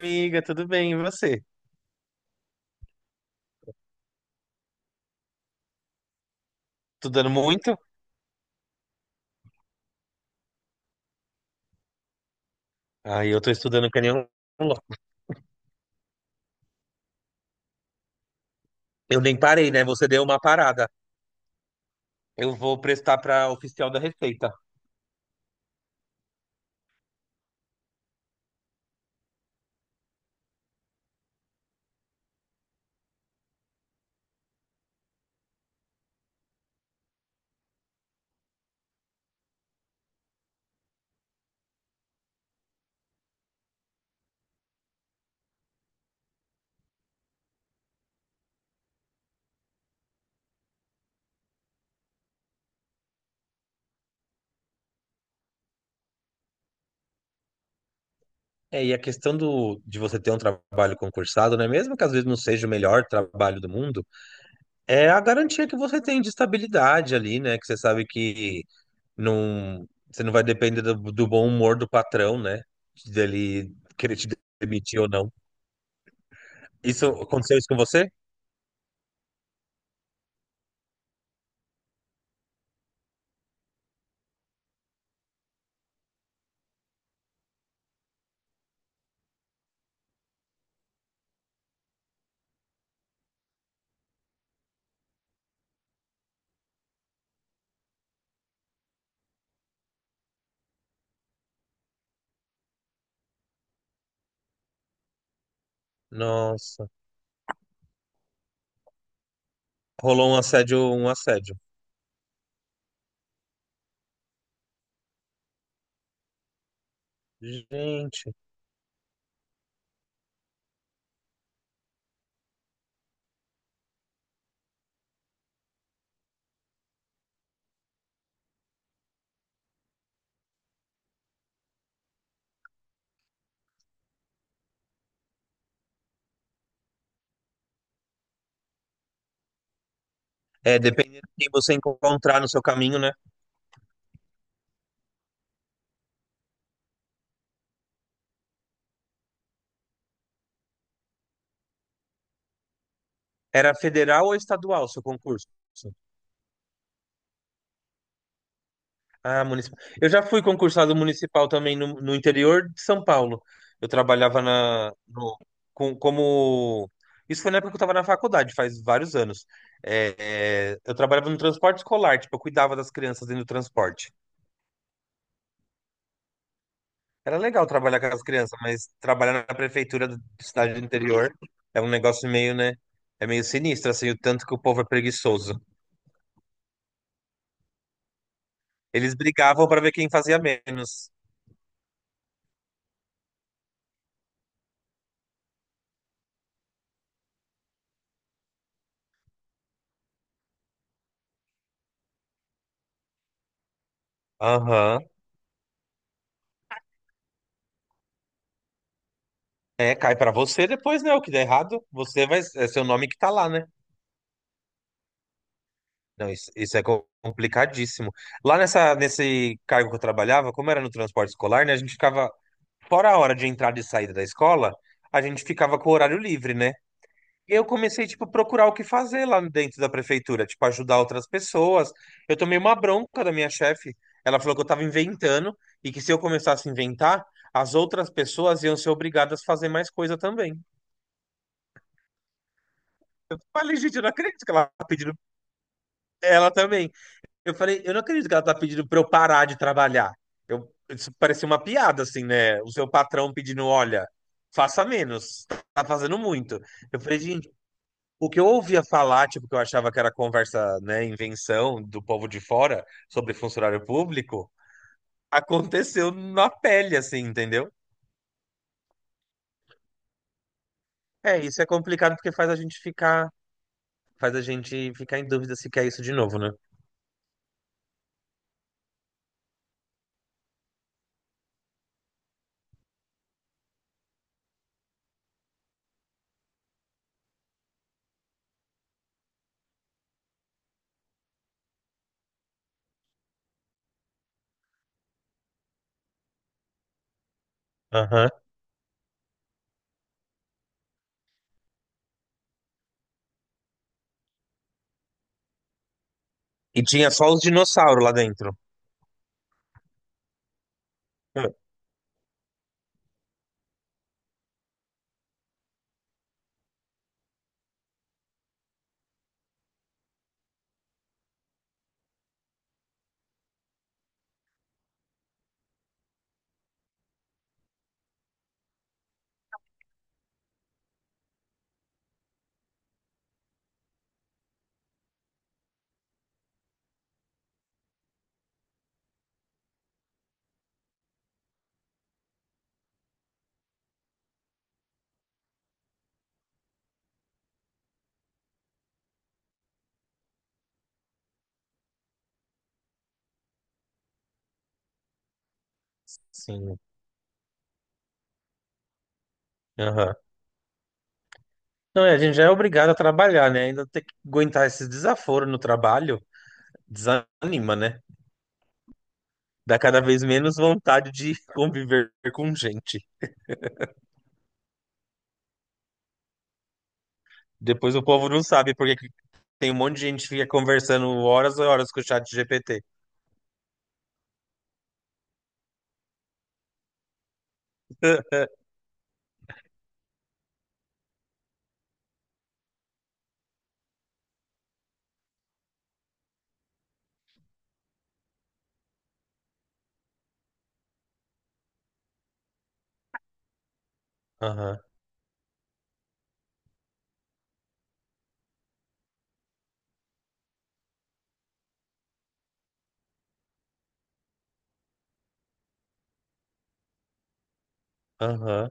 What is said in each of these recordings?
Amiga, tudo bem? E você? Estudando muito? Aí eu tô estudando que nem um louco. Eu nem parei, né? Você deu uma parada. Eu vou prestar para oficial da Receita. É, e a questão do, de você ter um trabalho concursado, né? Mesmo que às vezes não seja o melhor trabalho do mundo, é a garantia que você tem de estabilidade ali, né? Que você sabe que não, você não vai depender do, do bom humor do patrão, né? Dele querer te demitir ou não. Isso aconteceu com você? Nossa, rolou um assédio, um assédio. Gente, é, dependendo de quem você encontrar no seu caminho, né? Era federal ou estadual o seu concurso? Ah, municipal. Eu já fui concursado municipal também no, no interior de São Paulo. Eu trabalhava na, no- com- como. Isso foi na época que eu estava na faculdade, faz vários anos. É, é, eu trabalhava no transporte escolar, tipo, eu cuidava das crianças dentro do transporte. Era legal trabalhar com as crianças, mas trabalhar na prefeitura do- de cidade do interior é um negócio meio, né? É meio sinistro, assim, o tanto que o povo é preguiçoso. Eles brigavam pra ver quem fazia menos. Aham. É, cai pra você depois, né? O que der errado, você vai. É seu nome que tá lá, né? Não, isso é co- complicadíssimo. Lá nessa, nesse cargo que eu trabalhava, como era no transporte escolar, né? A gente ficava, fora a hora de entrada e saída da escola, a gente ficava com o horário livre, né? Eu comecei, tipo, procurar o que fazer lá dentro da prefeitura, tipo, ajudar outras pessoas. Eu tomei uma bronca da minha chefe. Ela falou que eu tava inventando e que se eu começasse a inventar, as outras pessoas iam ser obrigadas a fazer mais coisa também. Eu falei, gente, eu não acredito que ela tá pedindo ela também. Eu falei, eu não acredito que ela tá pedindo pra eu parar de trabalhar. Eu, isso parecia uma piada, assim, né? O seu patrão pedindo, olha, faça menos, tá fazendo muito. Eu falei, gente. O que eu ouvia falar, tipo, que eu achava que era conversa, né, invenção do povo de fora sobre funcionário público, aconteceu na pele, assim, entendeu? É, isso é complicado porque faz a gente ficar em dúvida se quer isso de novo, né? Aham. E tinha só os dinossauros lá dentro. Sim. Aham. Não, é, a gente já é obrigado a trabalhar, né? Ainda ter que aguentar esses desaforos no trabalho, desanima, né? Dá cada vez menos vontade de conviver com gente. Depois o povo não sabe por que Tem um monte de gente que fica conversando horas e horas com o chat GPT. Aham, aham.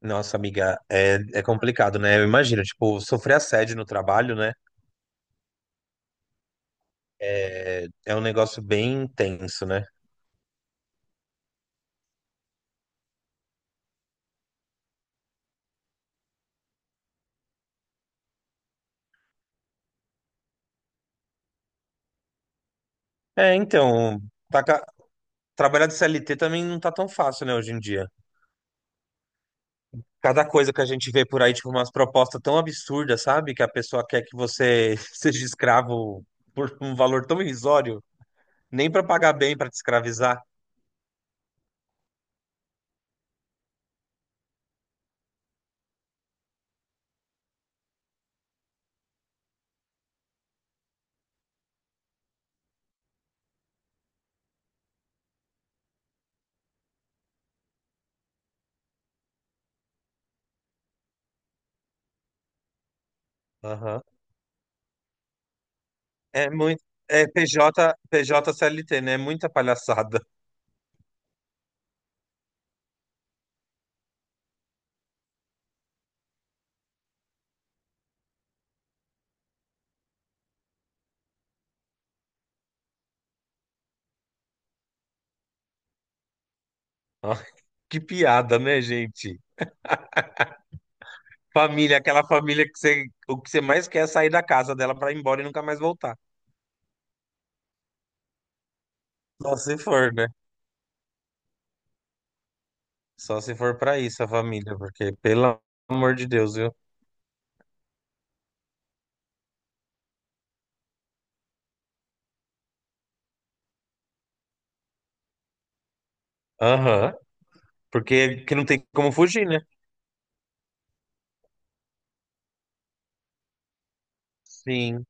Nossa, amiga, é, é complicado, né? Eu imagino, tipo, sofrer assédio no trabalho, né? É, é um negócio bem intenso, né? É, então, tá ca- trabalhar de CLT também não tá tão fácil, né, hoje em dia. Cada coisa que a gente vê por aí, tipo, umas propostas tão absurdas, sabe? Que a pessoa quer que você seja escravo por um valor tão irrisório, nem pra pagar bem, pra te escravizar. Aham. É muito. É PJ, PJ CLT, né? É muita palhaçada. Ó, que piada, né, gente? Família, aquela família que você, o que você mais quer é sair da casa dela pra ir embora e nunca mais voltar. Só se for, né? Só se for pra isso a família, porque pelo amor de Deus, viu? Aham. Porque que não tem como fugir, né? Sim.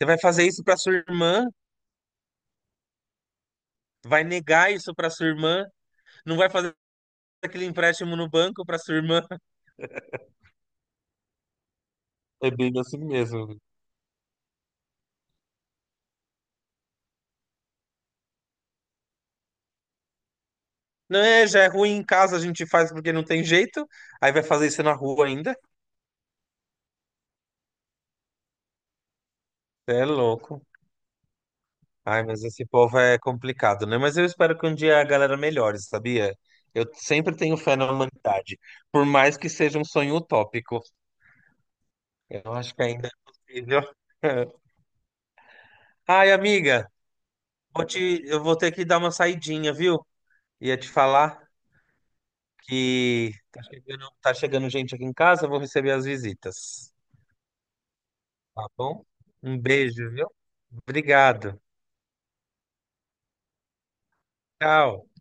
Você vai fazer isso pra sua irmã? Vai negar isso pra sua irmã? Não vai fazer aquele empréstimo no banco pra sua irmã? É bem assim mesmo. Não é, já é ruim em casa, a gente faz porque não tem jeito. Aí vai fazer isso na rua ainda. É louco. Ai, mas esse povo é complicado, né? Mas eu espero que um dia a galera melhore, sabia? Eu sempre tenho fé na humanidade, por mais que seja um sonho utópico. Eu acho que ainda é possível. Ai, amiga, vou te- eu vou ter que dar uma saidinha, viu? Ia te falar que tá chegando gente aqui em casa, eu vou receber as visitas, tá bom? Um beijo, viu? Obrigado. Tchau.